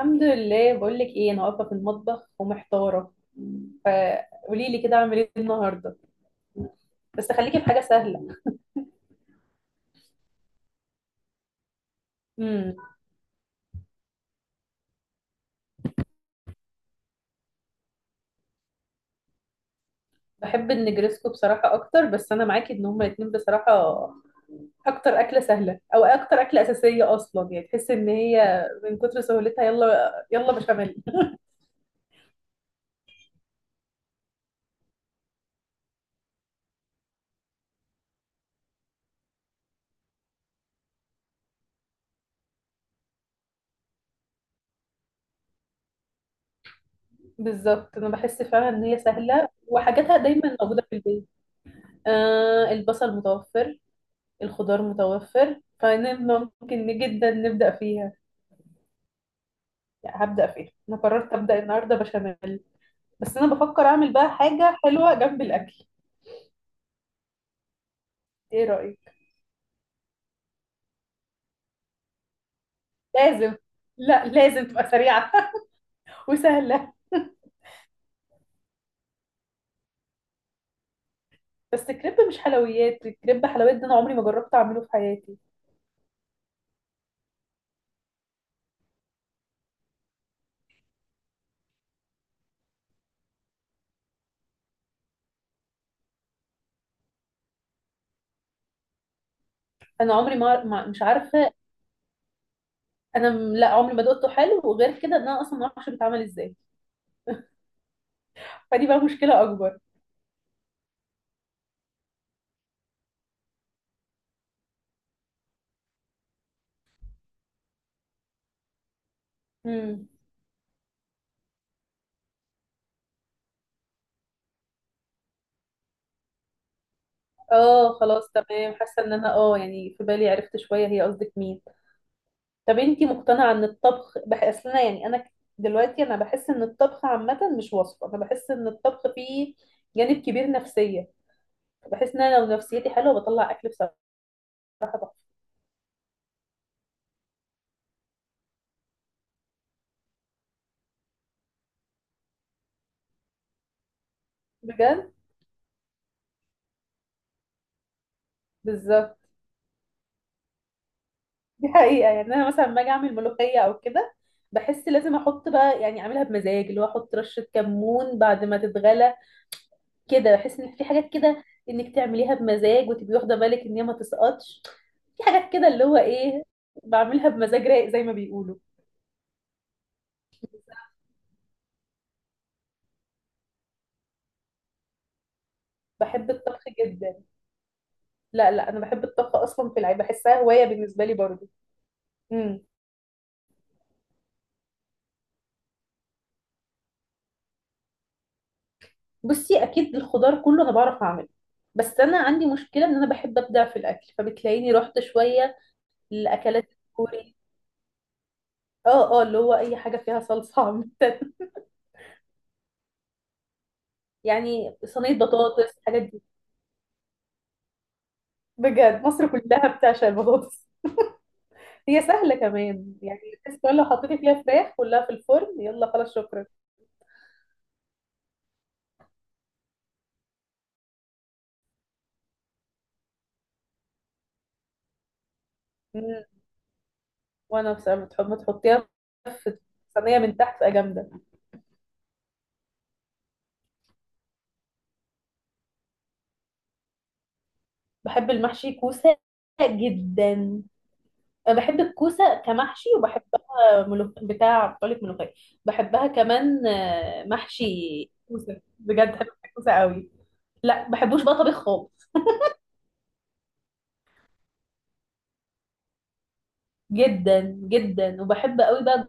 الحمد لله، بقول لك ايه، انا واقفه في المطبخ ومحتاره، فقولي لي كده اعمل ايه النهارده. بس خليكي في حاجه سهله. امم بحب النجرسكو بصراحه اكتر، بس انا معاكي ان هما الاتنين بصراحه اكتر اكله سهله، او اكتر اكله اساسيه اصلا. يعني تحس ان هي من كتر سهولتها يلا يلا بشاميل. بالظبط، انا بحس فعلا ان هي سهله وحاجاتها دايما موجوده في البيت. آه، البصل متوفر، الخضار متوفر، فممكن جدا نبدا فيها. لا، هبدأ فيها، انا قررت أبدأ النهارده بشاميل. بس انا بفكر اعمل بقى حاجة حلوة جنب الاكل. ايه رأيك؟ لازم. لا، لازم تبقى سريعة وسهلة. بس كريب مش حلويات؟ الكريب حلويات، ده انا عمري ما جربت اعمله في حياتي. انا عمري مش عارفة. لا، عمري ما دقته حلو، وغير كده ان انا اصلا ما اعرفش بيتعمل ازاي. فدي بقى مشكلة اكبر. امم اه خلاص تمام، حاسة ان انا اه يعني في بالي، عرفت شوية هي قصدك مين. طب انتي مقتنعة ان الطبخ؟ بحس انا يعني انا دلوقتي انا بحس ان الطبخ عامة مش وصفة، انا بحس ان الطبخ فيه جانب كبير نفسية. بحس ان انا لو نفسيتي حلوة بطلع اكل بصراحة تحفة. بجد بالظبط، دي حقيقة. يعني انا مثلا لما اجي اعمل ملوخية او كده بحس لازم احط بقى، يعني اعملها بمزاج، اللي هو احط رشة كمون بعد ما تتغلى كده. بحس ان في حاجات كده انك تعمليها بمزاج وتبقي واخدة بالك ان هي ما تسقطش. في حاجات كده اللي هو ايه، بعملها بمزاج رايق زي ما بيقولوا. بحب الطبخ جدا. لا لا، انا بحب الطبخ اصلا في العيب، بحسها هوايه بالنسبه لي برضو. امم بصي، اكيد الخضار كله انا بعرف اعمله، بس انا عندي مشكله ان انا بحب ابدع في الاكل، فبتلاقيني رحت شويه للاكلات الكوري. اه اه، اللي هو اي حاجه فيها صلصه عامه. يعني صينيه بطاطس، الحاجات دي. بجد مصر كلها بتعشق البطاطس. هي سهله كمان يعني، بس كمان لو حطيتي فيها فراخ كلها في الفرن، يلا خلاص شكرا. مم. وانا بصراحه بتحب ما تحطيها في صينيه من تحت بقى جامده. بحب المحشي كوسة جدا. أنا بحب الكوسة كمحشي، وبحبها بتاع، بقولك ملوخية. بحبها كمان آه، محشي كوسة. بجد بحب الكوسة قوي. لا بحبوش بقى طبيخ خالص جدا جدا، وبحب قوي بقى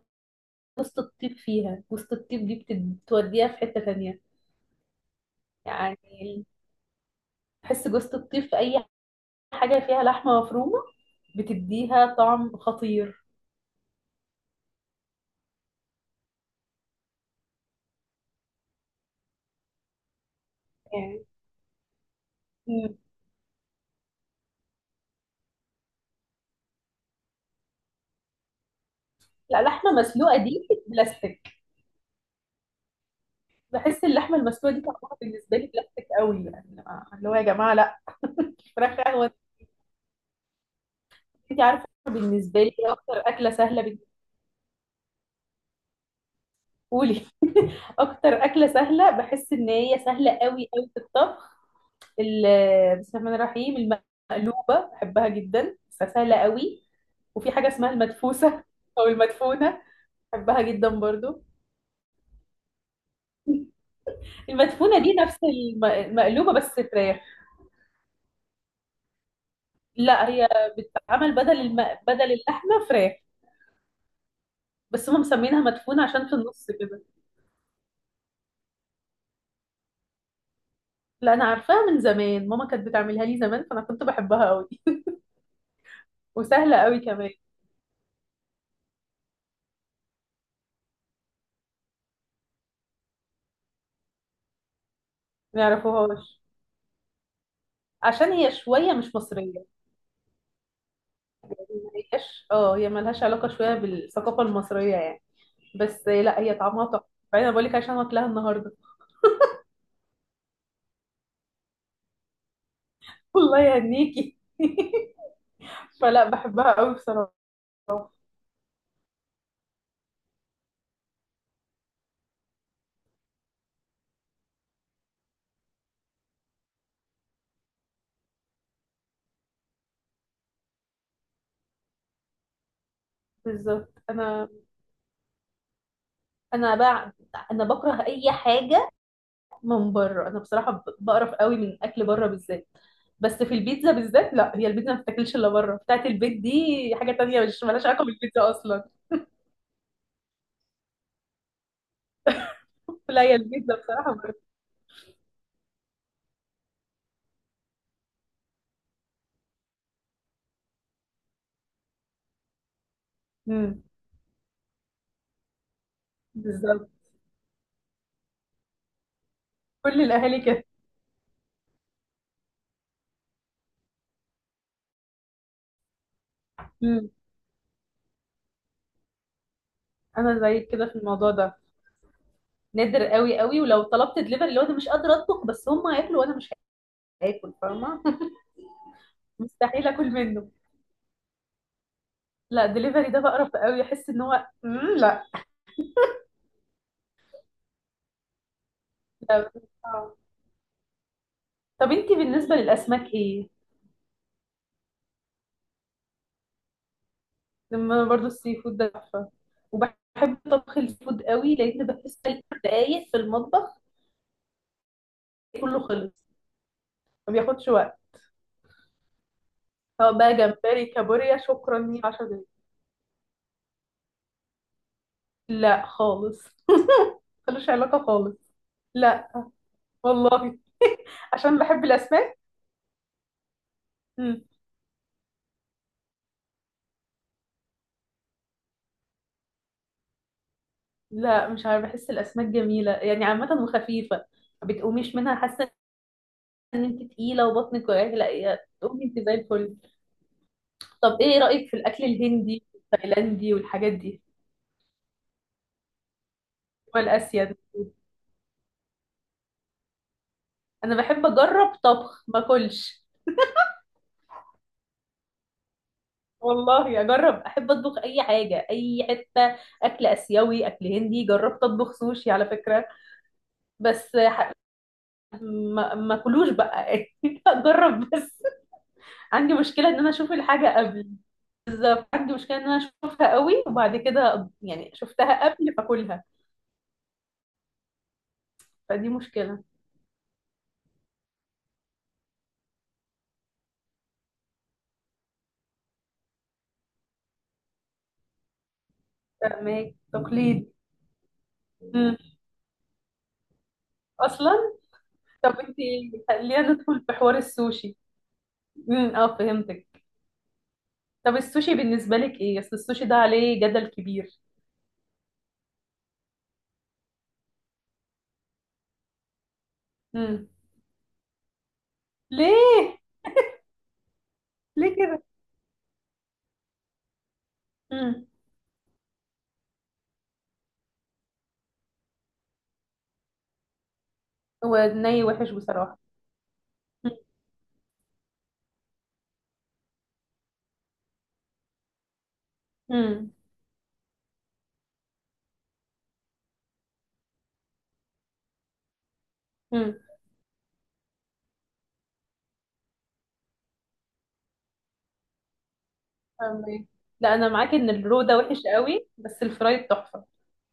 جوزة الطيب فيها، جوزة الطيب دي بتوديها في حتة تانية. يعني بحس جوزة الطيب في أي حاجة فيها لحمة مفرومة بتديها طعم خطير. يعني مم. لا، لحمة مسلوقة دي بلاستيك. بحس اللحمه المسلوقه دي طعمها بالنسبه لي بلاستيك قوي، يعني آه، اللي هو يا جماعه لا فراخ قهوه. انت عارفه بالنسبه لي إيه اكتر اكله سهله بالنسبه لي؟ اكتر اكله سهله بحس ان هي سهله قوي قوي في الطبخ. بسم الله الرحمن الرحيم، المقلوبه بحبها جدا، فسهله قوي. وفي حاجه اسمها المدفوسه او المدفونه، بحبها جدا برضو. المدفونه دي نفس المقلوبه بس فراخ. لا، هي بتتعمل بدل بدل اللحمه فراخ، بس هم مسمينها مدفونة عشان في النص كده. لا، انا عارفاها من زمان، ماما كانت بتعملها لي زمان فانا كنت بحبها قوي، وسهلة قوي كمان. ما يعرفوهاش عشان هي شوية مش مصرية. ما هياش، اه، هي ملهاش علاقة شوية بالثقافة المصرية يعني. بس لا، هي طعمها تحفة، فانا بقول لك عشان واكلها النهاردة. والله يهنيكي. فلا، بحبها قوي بصراحة. بالظبط، انا بقى انا بكره اي حاجة من بره. انا بصراحه بقرف قوي من اكل بره بالذات. بس في البيتزا بالذات، لا، هي البيتزا ما بتاكلش الا بره بتاعت البيت دي. حاجه تانية مش مالهاش علاقه بالبيتزا اصلا لا، هي البيتزا بصراحه بره. امم بالظبط، كل الاهالي كده. امم انا زيك كده في الموضوع ده، نادر قوي قوي. ولو طلبت دليفري لو انا مش قادره اطبخ، بس هم هياكلوا وانا مش هاكل، فاهمه؟ مستحيل اكل منه. لا، دليفري ده بقرف قوي، احس ان هو لا لا. آه. طب انتي بالنسبه للاسماك ايه؟ لما انا برضو السي فود ده تحفه، وبحب طبخ الفود قوي، لان بحس إن دقايق في المطبخ كله خلص، ما بياخدش وقت. سواء بقى جمبري كابوريا، شكرا، لي 10 دقايق، لا خالص، ملوش علاقه خالص، لا والله، عشان بحب الاسماك. مم. لا، مش عارفه، بحس الاسماك جميله يعني عامه وخفيفه، ما بتقوميش منها حاسه ان انت تقيله وبطنك وجعك. لا، يا تقومي انت زي الفل. طب ايه رايك في الاكل الهندي والتايلاندي والحاجات دي والاسيوي؟ انا بحب اجرب طبخ ما اكلش. والله اجرب، احب اطبخ اي حاجه اي حته، اكل اسيوي اكل هندي. جربت اطبخ سوشي على فكره، بس ما كلوش بقى اجرب بس. عندي مشكله ان انا اشوف الحاجه قبل، عندي مشكله ان انا اشوفها قوي وبعد كده، يعني شفتها قبل فاكلها، فدي مشكله. فاهمك، تقليد. مم. اصلا طب انت خلينا ندخل في حوار السوشي. اه فهمتك. طب السوشي بالنسبة لك ايه؟ اصل السوشي ده عليه جدل كبير. امم ليه؟ ليه كده؟ امم هو ني وحش بصراحة. امم امم فاهمة. لا انا معاكي ان الرو ده وحش قوي بس الفرايد تحفة.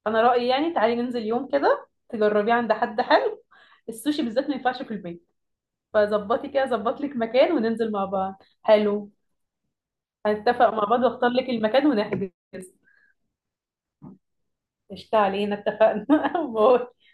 انا رأيي يعني تعالي ننزل يوم كده تجربيه عند حد حلو. السوشي بالذات ما ينفعش في البيت، فظبطي كده، ظبط لك مكان وننزل مع بعض، حلو. هنتفق مع بعض واختار لك المكان ونحجز. قشطة، علينا اتفقنا. باي.